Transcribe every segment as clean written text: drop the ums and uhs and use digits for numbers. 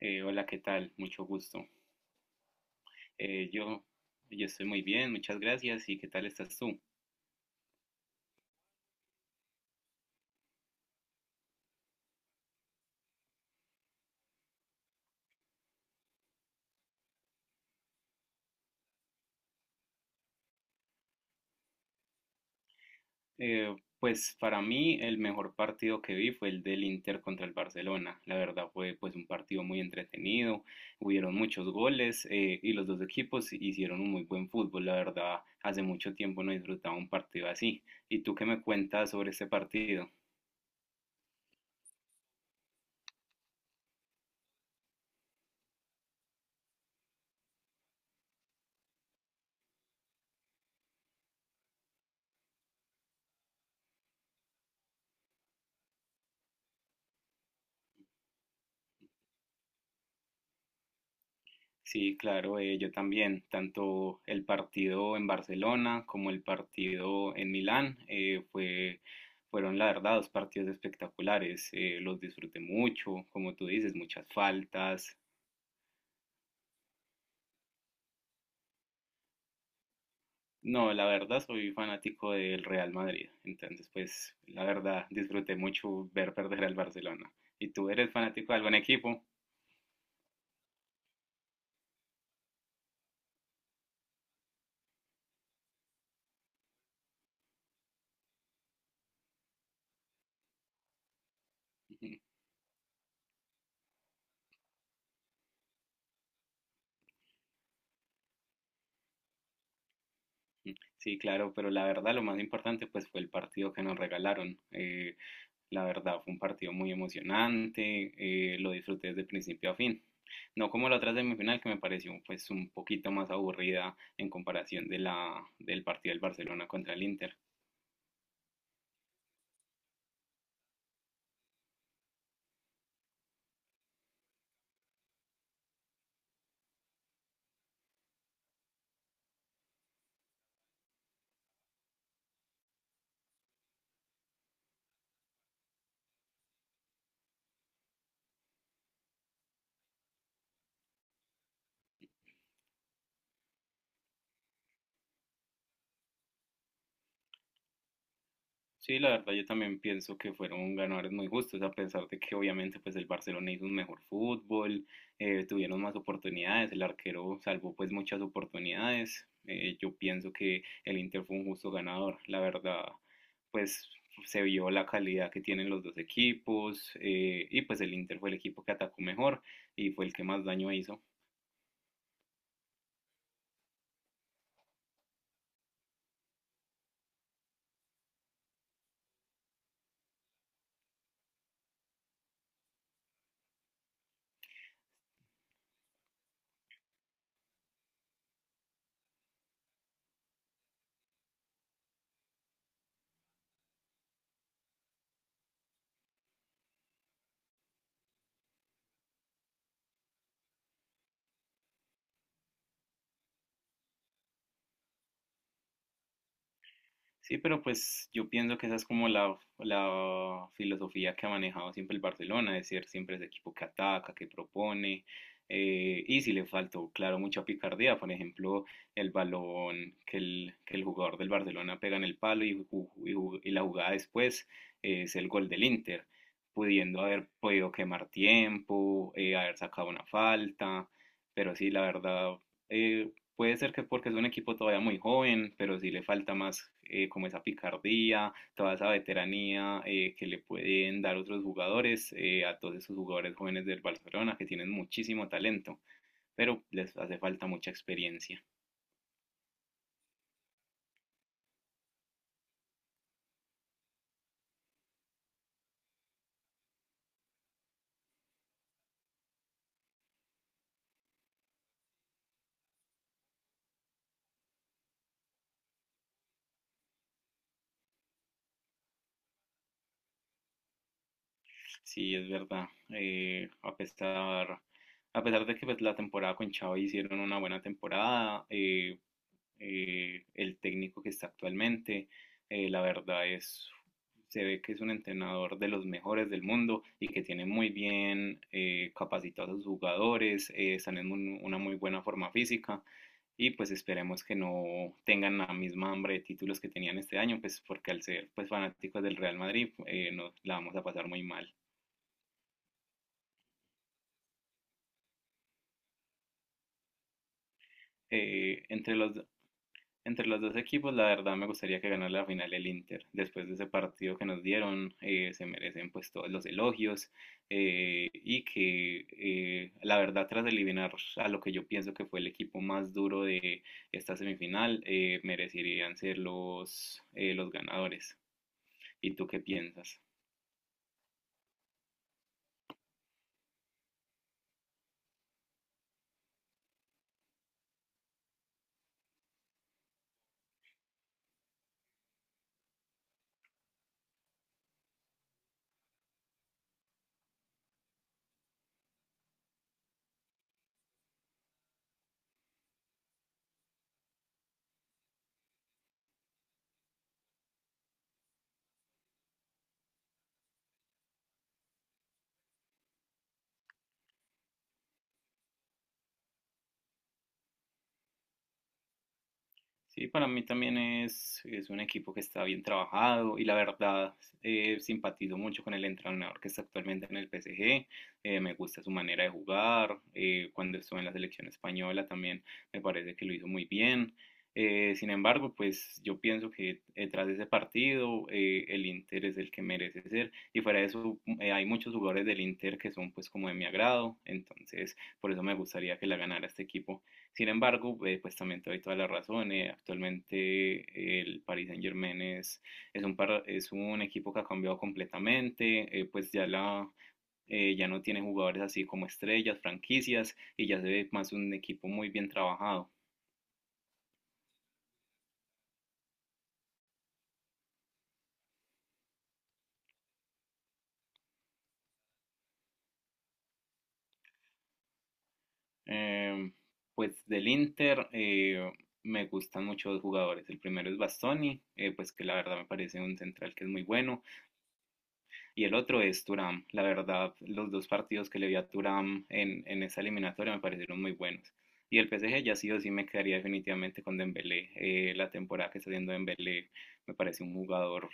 Hola, ¿qué tal? Mucho gusto. Eh, yo, yo estoy muy bien, muchas gracias. ¿Y qué tal estás tú? Eh, pues para mí el mejor partido que vi fue el del Inter contra el Barcelona. La verdad fue pues un partido muy entretenido, hubieron muchos goles y los dos equipos hicieron un muy buen fútbol. La verdad, hace mucho tiempo no disfrutaba un partido así. ¿Y tú qué me cuentas sobre ese partido? Sí, claro, yo también, tanto el partido en Barcelona como el partido en Milán, fueron la verdad dos partidos espectaculares, los disfruté mucho, como tú dices, muchas faltas. No, la verdad soy fanático del Real Madrid, entonces pues la verdad disfruté mucho ver perder al Barcelona. ¿Y tú eres fanático de algún equipo? Sí, claro, pero la verdad lo más importante pues fue el partido que nos regalaron. La verdad, fue un partido muy emocionante, lo disfruté desde principio a fin. No como la otra semifinal que me pareció pues un poquito más aburrida en comparación del partido del Barcelona contra el Inter. Sí, la verdad yo también pienso que fueron ganadores muy justos, a pesar de que obviamente pues el Barcelona hizo un mejor fútbol, tuvieron más oportunidades, el arquero salvó pues muchas oportunidades. Yo pienso que el Inter fue un justo ganador, la verdad pues se vio la calidad que tienen los dos equipos y pues el Inter fue el equipo que atacó mejor y fue el que más daño hizo. Sí, pero pues yo pienso que esa es como la filosofía que ha manejado siempre el Barcelona, de ser siempre ese equipo que ataca, que propone. Y si le faltó, claro, mucha picardía, por ejemplo, el balón que el jugador del Barcelona pega en el palo y la jugada después es el gol del Inter, pudiendo haber podido quemar tiempo, haber sacado una falta. Pero sí, la verdad, eh, puede ser que porque es un equipo todavía muy joven, pero sí le falta más como esa picardía, toda esa veteranía que le pueden dar otros jugadores, a todos esos jugadores jóvenes del Barcelona que tienen muchísimo talento, pero les hace falta mucha experiencia. Sí, es verdad. A pesar de que pues, la temporada con Xavi hicieron una buena temporada, el técnico que está actualmente, la verdad es, se ve que es un entrenador de los mejores del mundo y que tiene muy bien capacitados a sus jugadores, están en una muy buena forma física y pues esperemos que no tengan la misma hambre de títulos que tenían este año, pues porque al ser pues fanáticos del Real Madrid, nos la vamos a pasar muy mal. eh, entre los, do- entre los dos equipos, la verdad me gustaría que ganara la final el Inter. Después de ese partido que nos dieron, se merecen pues todos los elogios y que la verdad tras eliminar a lo que yo pienso que fue el equipo más duro de esta semifinal, merecerían ser los ganadores. ¿Y tú qué piensas? Sí, para mí también es un equipo que está bien trabajado y la verdad simpatizo mucho con el entrenador que está actualmente en el PSG. Me gusta su manera de jugar. Cuando estuvo en la selección española también me parece que lo hizo muy bien. Sin embargo, pues yo pienso que tras ese partido el Inter es el que merece ser y fuera de eso hay muchos jugadores del Inter que son pues como de mi agrado. Entonces, por eso me gustaría que la ganara este equipo. Sin embargo, pues también te doy toda la razón. Actualmente el Paris Saint-Germain es un equipo que ha cambiado completamente. Pues ya no tiene jugadores así como estrellas, franquicias, y ya se ve más un equipo muy bien trabajado. Em, pues del Inter me gustan mucho dos jugadores. El primero es Bastoni, pues que la verdad me parece un central que es muy bueno. Y el otro es Turam. La verdad, los dos partidos que le vi a Turam en esa eliminatoria me parecieron muy buenos. Y el PSG ya sí o sí me quedaría definitivamente con Dembélé. La temporada que está haciendo Dembélé me parece un jugador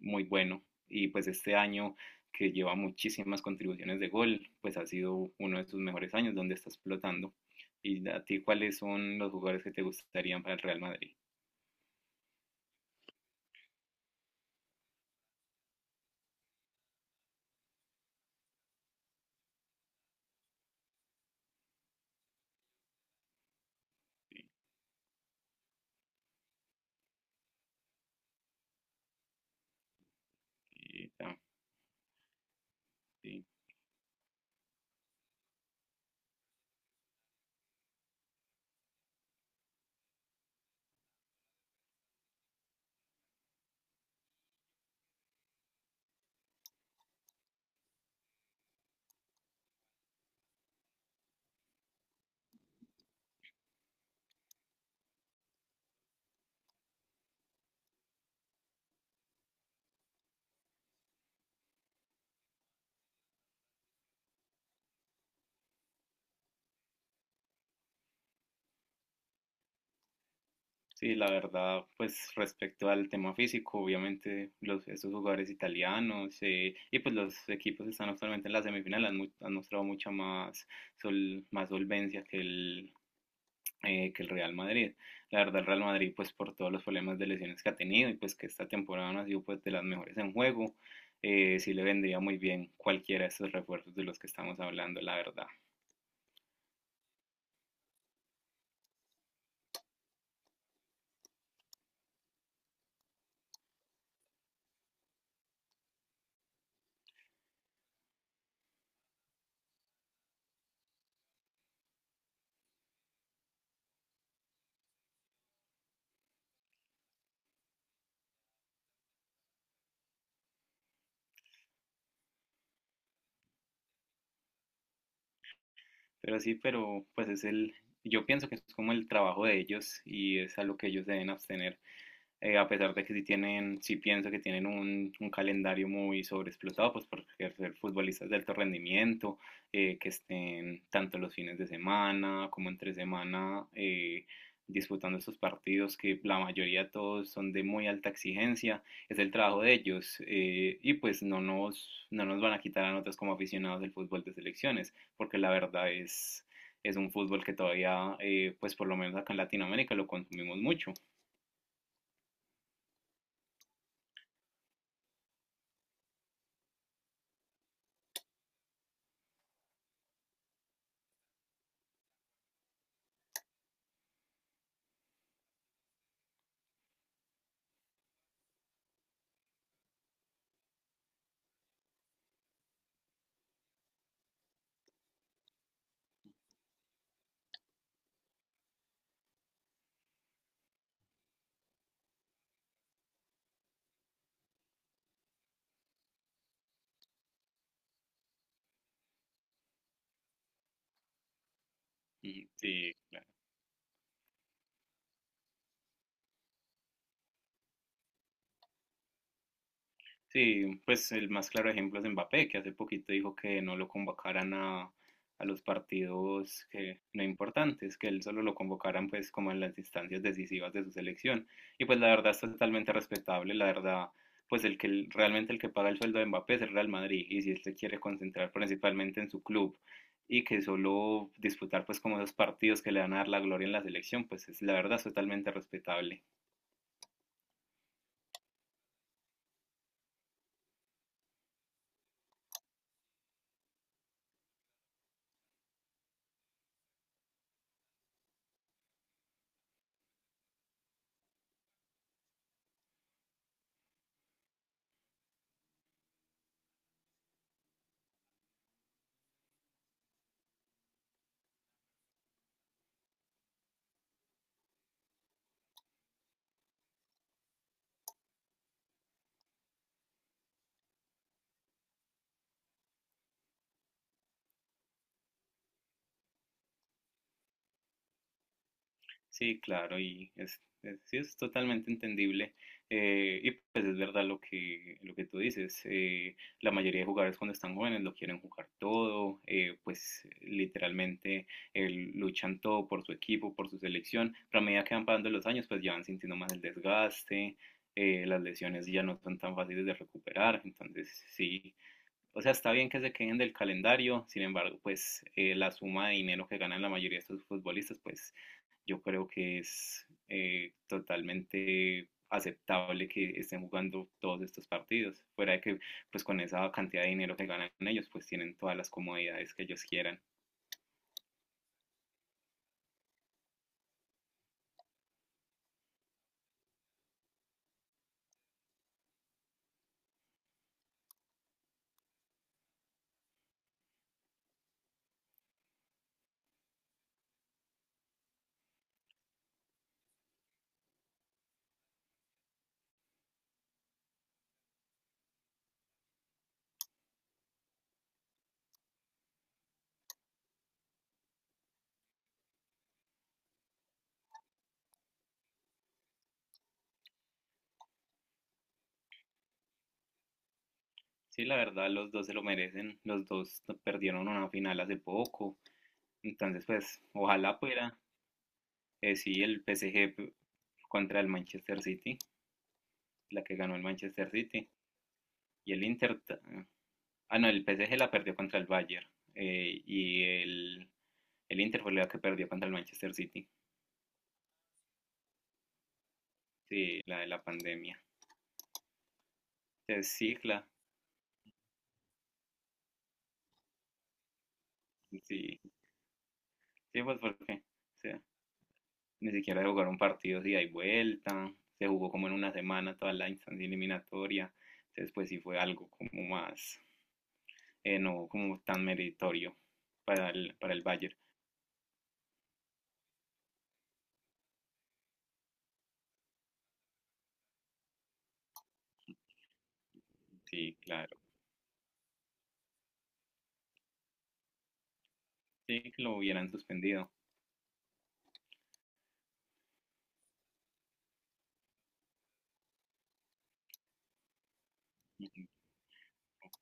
muy bueno. Y pues este año que lleva muchísimas contribuciones de gol, pues ha sido uno de sus mejores años donde está explotando. ¿Y a ti cuáles son los jugadores que te gustarían para el Real Madrid? Y, ya, y Sí, la verdad, pues respecto al tema físico, obviamente estos jugadores italianos y pues los equipos que están actualmente en la semifinal han mostrado mucha más solvencia que el Real Madrid. La verdad, el Real Madrid, pues por todos los problemas de lesiones que ha tenido y pues que esta temporada no ha sido pues de las mejores en juego, sí le vendría muy bien cualquiera de estos refuerzos de los que estamos hablando, la verdad. Pero sí, pero pues yo pienso que es como el trabajo de ellos y es a lo que ellos deben abstener a pesar de que sí pienso que tienen un calendario muy sobreexplotado, pues por ser futbolistas de alto rendimiento, que estén tanto los fines de semana como entre semana disputando estos partidos, que la mayoría de todos son de muy alta exigencia, es el trabajo de ellos, y pues no nos van a quitar a nosotros como aficionados del fútbol de selecciones, porque la verdad es un fútbol que todavía, pues por lo menos acá en Latinoamérica lo consumimos mucho. Sí, sí, pues el más claro ejemplo es Mbappé, que hace poquito dijo que no lo convocaran a los partidos que, no importantes, que él solo lo convocaran pues como en las instancias decisivas de su selección. Y pues la verdad es totalmente respetable, la verdad, pues realmente el que paga el sueldo de Mbappé es el Real Madrid, y si él se quiere concentrar principalmente en su club y que solo disputar pues como esos partidos que le van a dar la gloria en la selección, pues es, la verdad es totalmente respetable. Sí, claro, y sí, es totalmente entendible. Y pues es verdad lo que, tú dices. La mayoría de jugadores cuando están jóvenes lo quieren jugar todo, pues literalmente eh, luchan todo por su equipo, por su selección. Pero a medida que van pasando los años, pues ya van sintiendo más el desgaste, las lesiones ya no son tan fáciles de recuperar. Entonces, sí. O sea, está bien que se queden del calendario, sin embargo, pues la suma de dinero que ganan la mayoría de estos futbolistas, pues yo creo que es totalmente aceptable que estén jugando todos estos partidos. Fuera de que, pues con esa cantidad de dinero que ganan ellos, pues tienen todas las comodidades que ellos quieran. Sí, la verdad, los dos se lo merecen. Los dos perdieron una final hace poco. Entonces, pues, ojalá fuera. Sí, el PSG contra el Manchester City, la que ganó el Manchester City. Y el Inter. Ah, no, el PSG la perdió contra el Bayern. Eh, y el El Inter fue la que perdió contra el Manchester City. Sí, la de la pandemia. Entonces, sí, claro. Sí, sí, pues porque, o sea, ni siquiera se jugaron partidos de ida y vuelta. Se jugó como en una semana toda la instancia eliminatoria. Entonces, pues sí fue algo como más, no como tan meritorio para el Bayern. Sí, claro. Sí, que lo hubieran suspendido.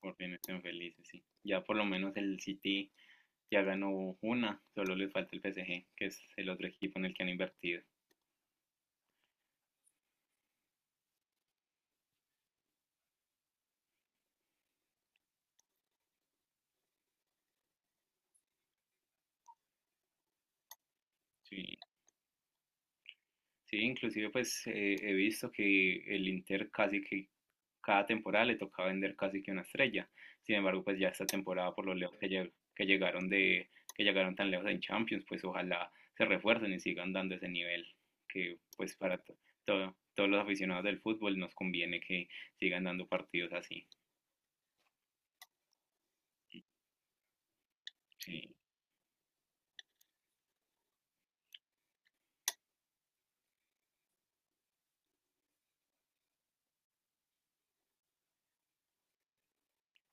Por bien estén felices, sí. Ya por lo menos el City ya ganó una, solo les falta el PSG, que es el otro equipo en el que han invertido. Sí, sí, inclusive pues he visto que el Inter casi que cada temporada le tocaba vender casi que una estrella. Sin embargo, pues ya esta temporada por lo lejos que, lle- que llegaron de que llegaron tan lejos en Champions, pues ojalá se refuercen y sigan dando ese nivel que pues para todos los aficionados del fútbol nos conviene que sigan dando partidos así. Sí,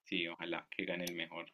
sí, ojalá que gane el mejor.